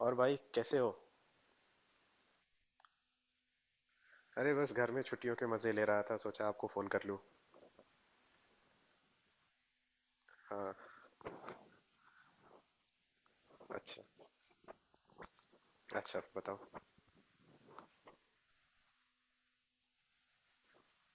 और भाई कैसे हो? अरे बस घर में छुट्टियों के मजे ले रहा था, सोचा आपको फोन कर लूं। हाँ। अच्छा, अच्छा बताओ।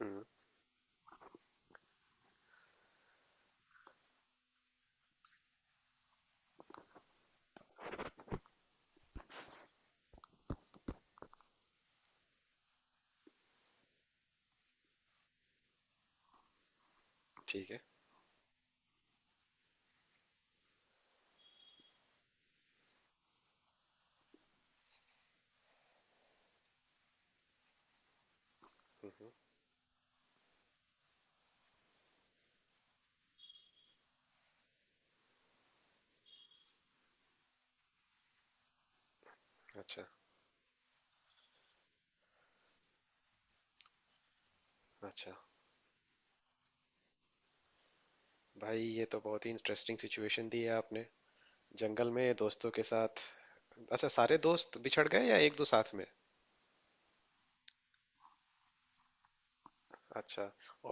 हम्म। ठीक है। हम्म। अच्छा। अच्छा, भाई ये तो बहुत ही इंटरेस्टिंग सिचुएशन दी है आपने। जंगल में दोस्तों के साथ। अच्छा, सारे दोस्त बिछड़ गए या एक दो साथ में? अच्छा।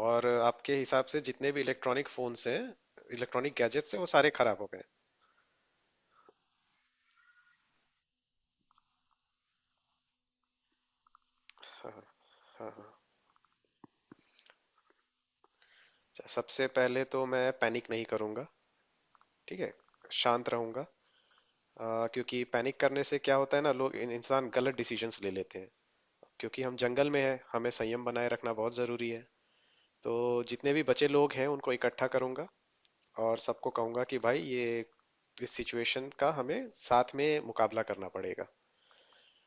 और आपके हिसाब से जितने भी इलेक्ट्रॉनिक फोन्स हैं, इलेक्ट्रॉनिक गैजेट्स हैं वो सारे खराब हो गए? हाँ। हाँ हाँ। अच्छा, सबसे पहले तो मैं पैनिक नहीं करूंगा। ठीक है। शांत रहूंगा। क्योंकि पैनिक करने से क्या होता है ना, लोग इंसान गलत डिसीजंस ले लेते हैं। क्योंकि हम जंगल में हैं, हमें संयम बनाए रखना बहुत ज़रूरी है। तो जितने भी बचे लोग हैं उनको इकट्ठा करूंगा। और सबको कहूंगा कि भाई ये इस सिचुएशन का हमें साथ में मुकाबला करना पड़ेगा।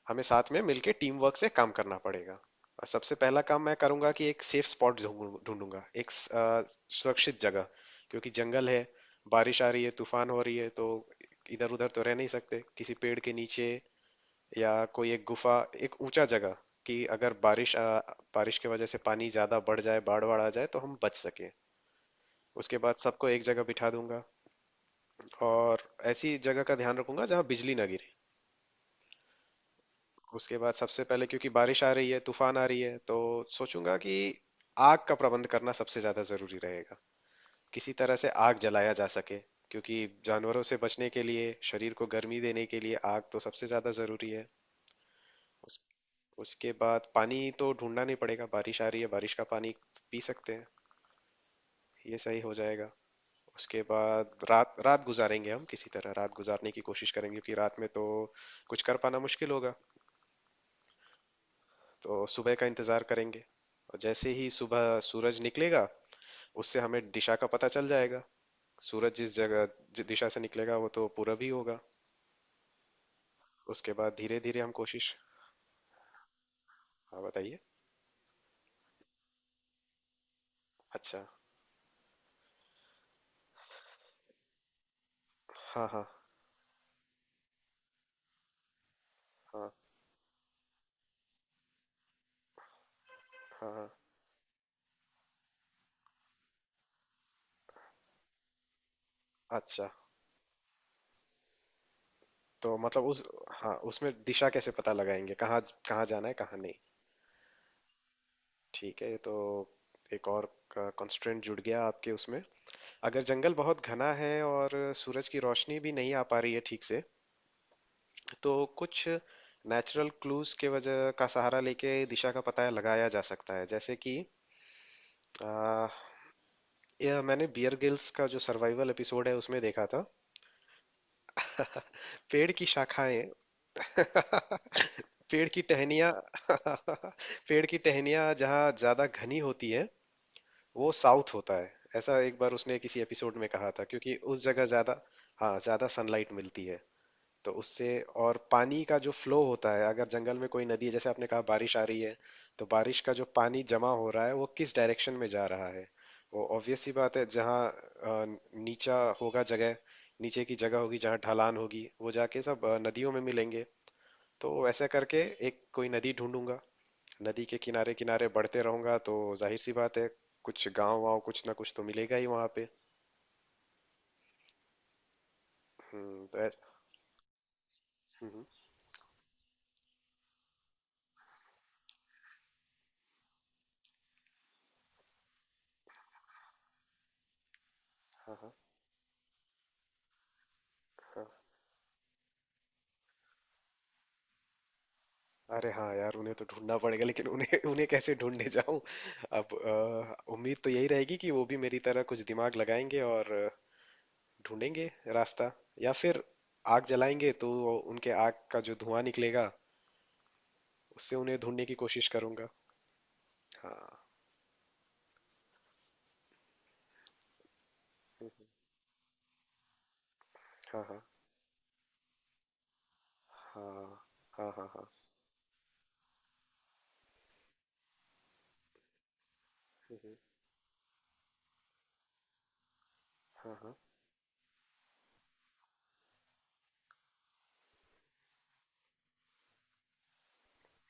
हमें साथ में मिलके टीम वर्क से काम करना पड़ेगा। और सबसे पहला काम मैं करूंगा कि एक सेफ स्पॉट ढूंढूंगा, एक सुरक्षित जगह। क्योंकि जंगल है, बारिश आ रही है, तूफान हो रही है, तो इधर उधर तो रह नहीं सकते किसी पेड़ के नीचे। या कोई एक गुफा, एक ऊंचा जगह, कि अगर बारिश की वजह से पानी ज्यादा बढ़ जाए, बाढ़ बाढ़ आ जाए तो हम बच सके। उसके बाद सबको एक जगह बिठा दूंगा। और ऐसी जगह का ध्यान रखूंगा जहां बिजली ना गिरे। उसके बाद सबसे पहले, क्योंकि बारिश आ रही है तूफान आ रही है, तो सोचूंगा कि आग का प्रबंध करना सबसे ज्यादा जरूरी रहेगा। किसी तरह से आग जलाया जा सके। क्योंकि जानवरों से बचने के लिए, शरीर को गर्मी देने के लिए आग तो सबसे ज्यादा जरूरी है। उस उसके बाद पानी तो ढूंढना नहीं पड़ेगा, बारिश आ रही है, बारिश का पानी पी सकते हैं। ये सही हो जाएगा। उसके बाद रात रात गुजारेंगे हम, किसी तरह रात गुजारने की कोशिश करेंगे, क्योंकि रात में तो कुछ कर पाना मुश्किल होगा। तो सुबह का इंतजार करेंगे। और जैसे ही सुबह सूरज निकलेगा, उससे हमें दिशा का पता चल जाएगा। सूरज जिस दिशा से निकलेगा वो तो पूरब ही होगा। उसके बाद धीरे धीरे हम कोशिश। हाँ, बताइए। अच्छा। हाँ हाँ हाँ। हाँ हाँ। अच्छा, तो मतलब उस। हाँ, उसमें दिशा कैसे पता लगाएंगे, कहाँ कहाँ जाना है कहाँ नहीं? ठीक है, तो एक और कंस्ट्रेंट जुड़ गया आपके उसमें। अगर जंगल बहुत घना है और सूरज की रोशनी भी नहीं आ पा रही है ठीक से, तो कुछ नेचुरल क्लूज के वजह का सहारा लेके दिशा का पता लगाया जा सकता है, जैसे कि आ, यह मैंने बियर गिल्स का जो सर्वाइवल एपिसोड है उसमें देखा था। पेड़ की शाखाएं। पेड़ की टहनियाँ। पेड़ की टहनियाँ जहाँ ज्यादा घनी होती है वो साउथ होता है, ऐसा एक बार उसने किसी एपिसोड में कहा था, क्योंकि उस जगह ज्यादा। हाँ, ज्यादा सनलाइट मिलती है, तो उससे। और पानी का जो फ्लो होता है, अगर जंगल में कोई नदी है, जैसे आपने कहा बारिश आ रही है, तो बारिश का जो पानी जमा हो रहा है वो किस डायरेक्शन में जा रहा है। वो ऑब्वियस सी बात है, जहाँ नीचा होगा जगह, नीचे की जगह होगी जहाँ ढलान होगी वो जाके सब नदियों में मिलेंगे। तो ऐसे करके एक कोई नदी ढूंढूंगा। नदी के किनारे किनारे बढ़ते रहूंगा तो जाहिर सी बात है, कुछ गांव वाँव कुछ ना कुछ तो मिलेगा ही वहां पे। तो ऐस-। हम्म। हाँ हाँ हाँ। अरे हाँ यार, उन्हें तो ढूंढना पड़ेगा, लेकिन उन्हें उन्हें कैसे ढूंढने जाऊं। अब, उम्मीद तो यही रहेगी कि वो भी मेरी तरह कुछ दिमाग लगाएंगे और ढूंढेंगे रास्ता। या फिर आग जलाएंगे तो उनके आग का जो धुआं निकलेगा, उससे उन्हें ढूंढने की कोशिश करूंगा। हाँ हाँ हाँ हाँ हाँ हाँ हाँ हाँ हाँ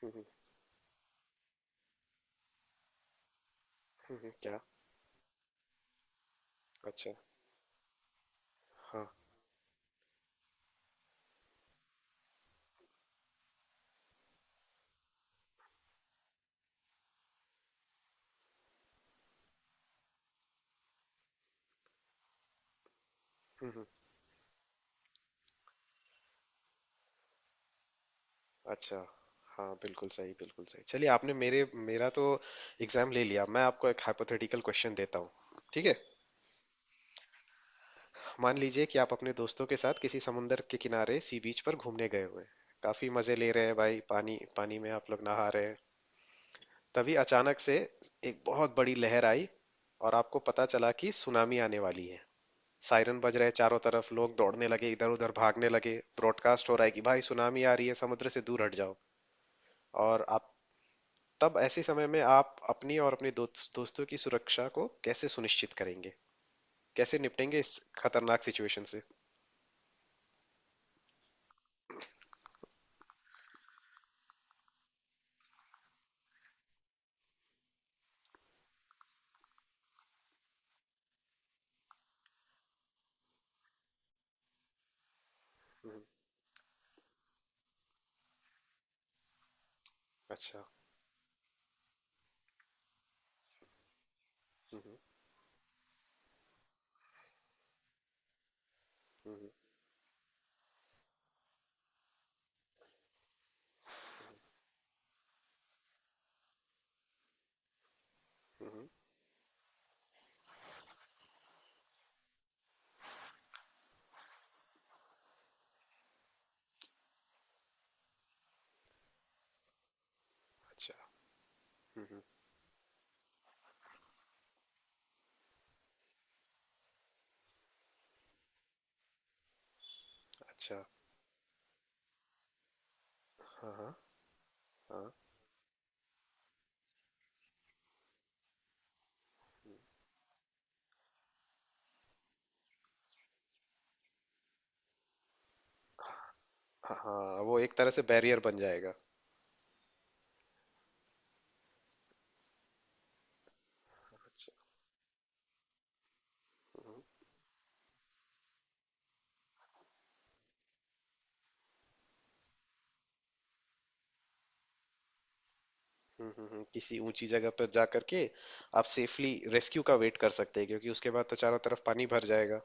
हाँ। क्या? अच्छा। हाँ। हम्म। अच्छा। हाँ, बिल्कुल सही, बिल्कुल सही। चलिए, आपने मेरे मेरा तो एग्जाम ले लिया। मैं आपको एक हाइपोथेटिकल क्वेश्चन देता हूँ। ठीक है। मान लीजिए कि आप अपने दोस्तों के साथ किसी समुंदर के किनारे सी बीच पर घूमने गए हुए हैं। काफी मजे ले रहे हैं भाई, पानी पानी में आप लोग नहा रहे हैं। तभी अचानक से एक बहुत बड़ी लहर आई। और आपको पता चला कि सुनामी आने वाली है। सायरन बज रहे चारों तरफ, लोग दौड़ने लगे, इधर उधर भागने लगे, ब्रॉडकास्ट हो रहा है कि भाई सुनामी आ रही है, समुद्र से दूर हट जाओ। और आप, तब ऐसे समय में आप अपनी और अपने दोस्तों की सुरक्षा को कैसे सुनिश्चित करेंगे, कैसे निपटेंगे इस खतरनाक सिचुएशन से? हम्म। अच्छा। हम्म, हम्म, हम्म। अच्छा। हम्म। अच्छा। हाँ हाँ हाँ हाँ हाँ, वो एक तरह से बैरियर बन जाएगा। अच्छा। किसी ऊंची जगह पर जा करके आप सेफली रेस्क्यू का वेट कर सकते हैं, क्योंकि उसके बाद तो चारों तरफ पानी भर जाएगा।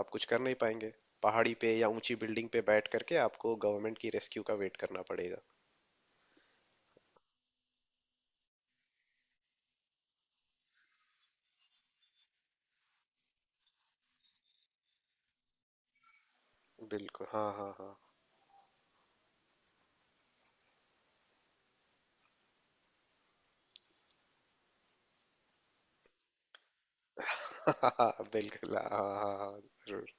आप कुछ कर नहीं पाएंगे। पहाड़ी पे या ऊंची बिल्डिंग पे बैठ करके आपको गवर्नमेंट की रेस्क्यू का वेट करना पड़ेगा। बिल्कुल, हाँ हाँ हाँ। हाँ, बिल्कुल, हाँ हाँ हाँ, हाँ। जरूर।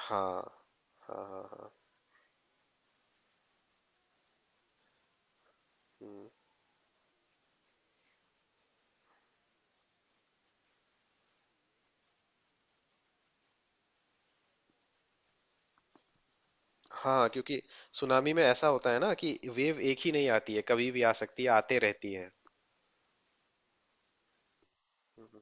हाँ हाँ हाँ हाँ। हम्म। हाँ, क्योंकि सुनामी में ऐसा होता है ना कि वेव एक ही नहीं आती है, कभी भी आ सकती है, आते रहती है। हम्म।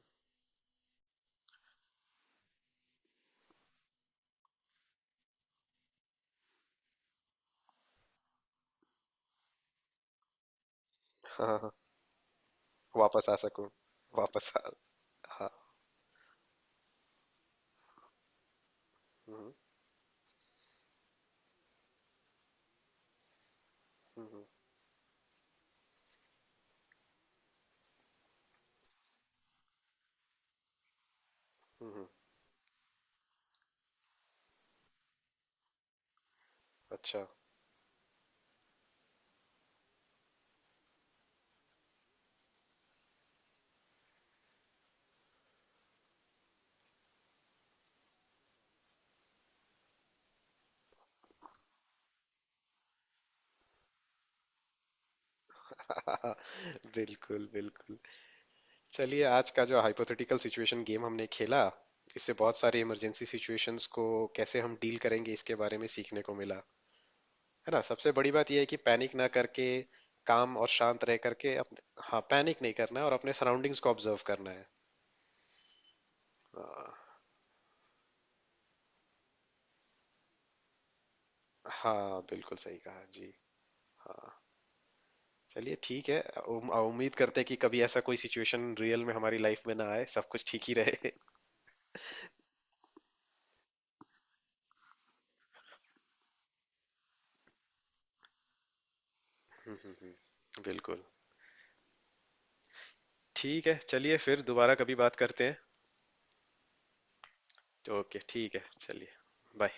हाँ हाँ, हाँ, वापस आ सकूं। वापस आ। हाँ। हम्म, हम्म, हम्म। अच्छा। बिल्कुल बिल्कुल। चलिए, आज का जो हाइपोथेटिकल सिचुएशन गेम हमने खेला, इससे बहुत सारे इमरजेंसी सिचुएशंस को कैसे हम डील करेंगे इसके बारे में सीखने को मिला। है ना, सबसे बड़ी बात यह है कि पैनिक ना करके, काम और शांत रह करके अपने। हाँ, पैनिक नहीं करना है और अपने सराउंडिंग्स को ऑब्जर्व करना है। अ, हाँ बिल्कुल सही कहा जी। चलिए, ठीक है। उम्मीद करते हैं कि कभी ऐसा कोई सिचुएशन रियल में हमारी लाइफ में ना आए, सब कुछ ठीक ही रहे। हम्म, हम्म, हम्म, बिल्कुल। ठीक है, चलिए, फिर दोबारा कभी बात करते हैं। ओके, ठीक है, चलिए। बाय।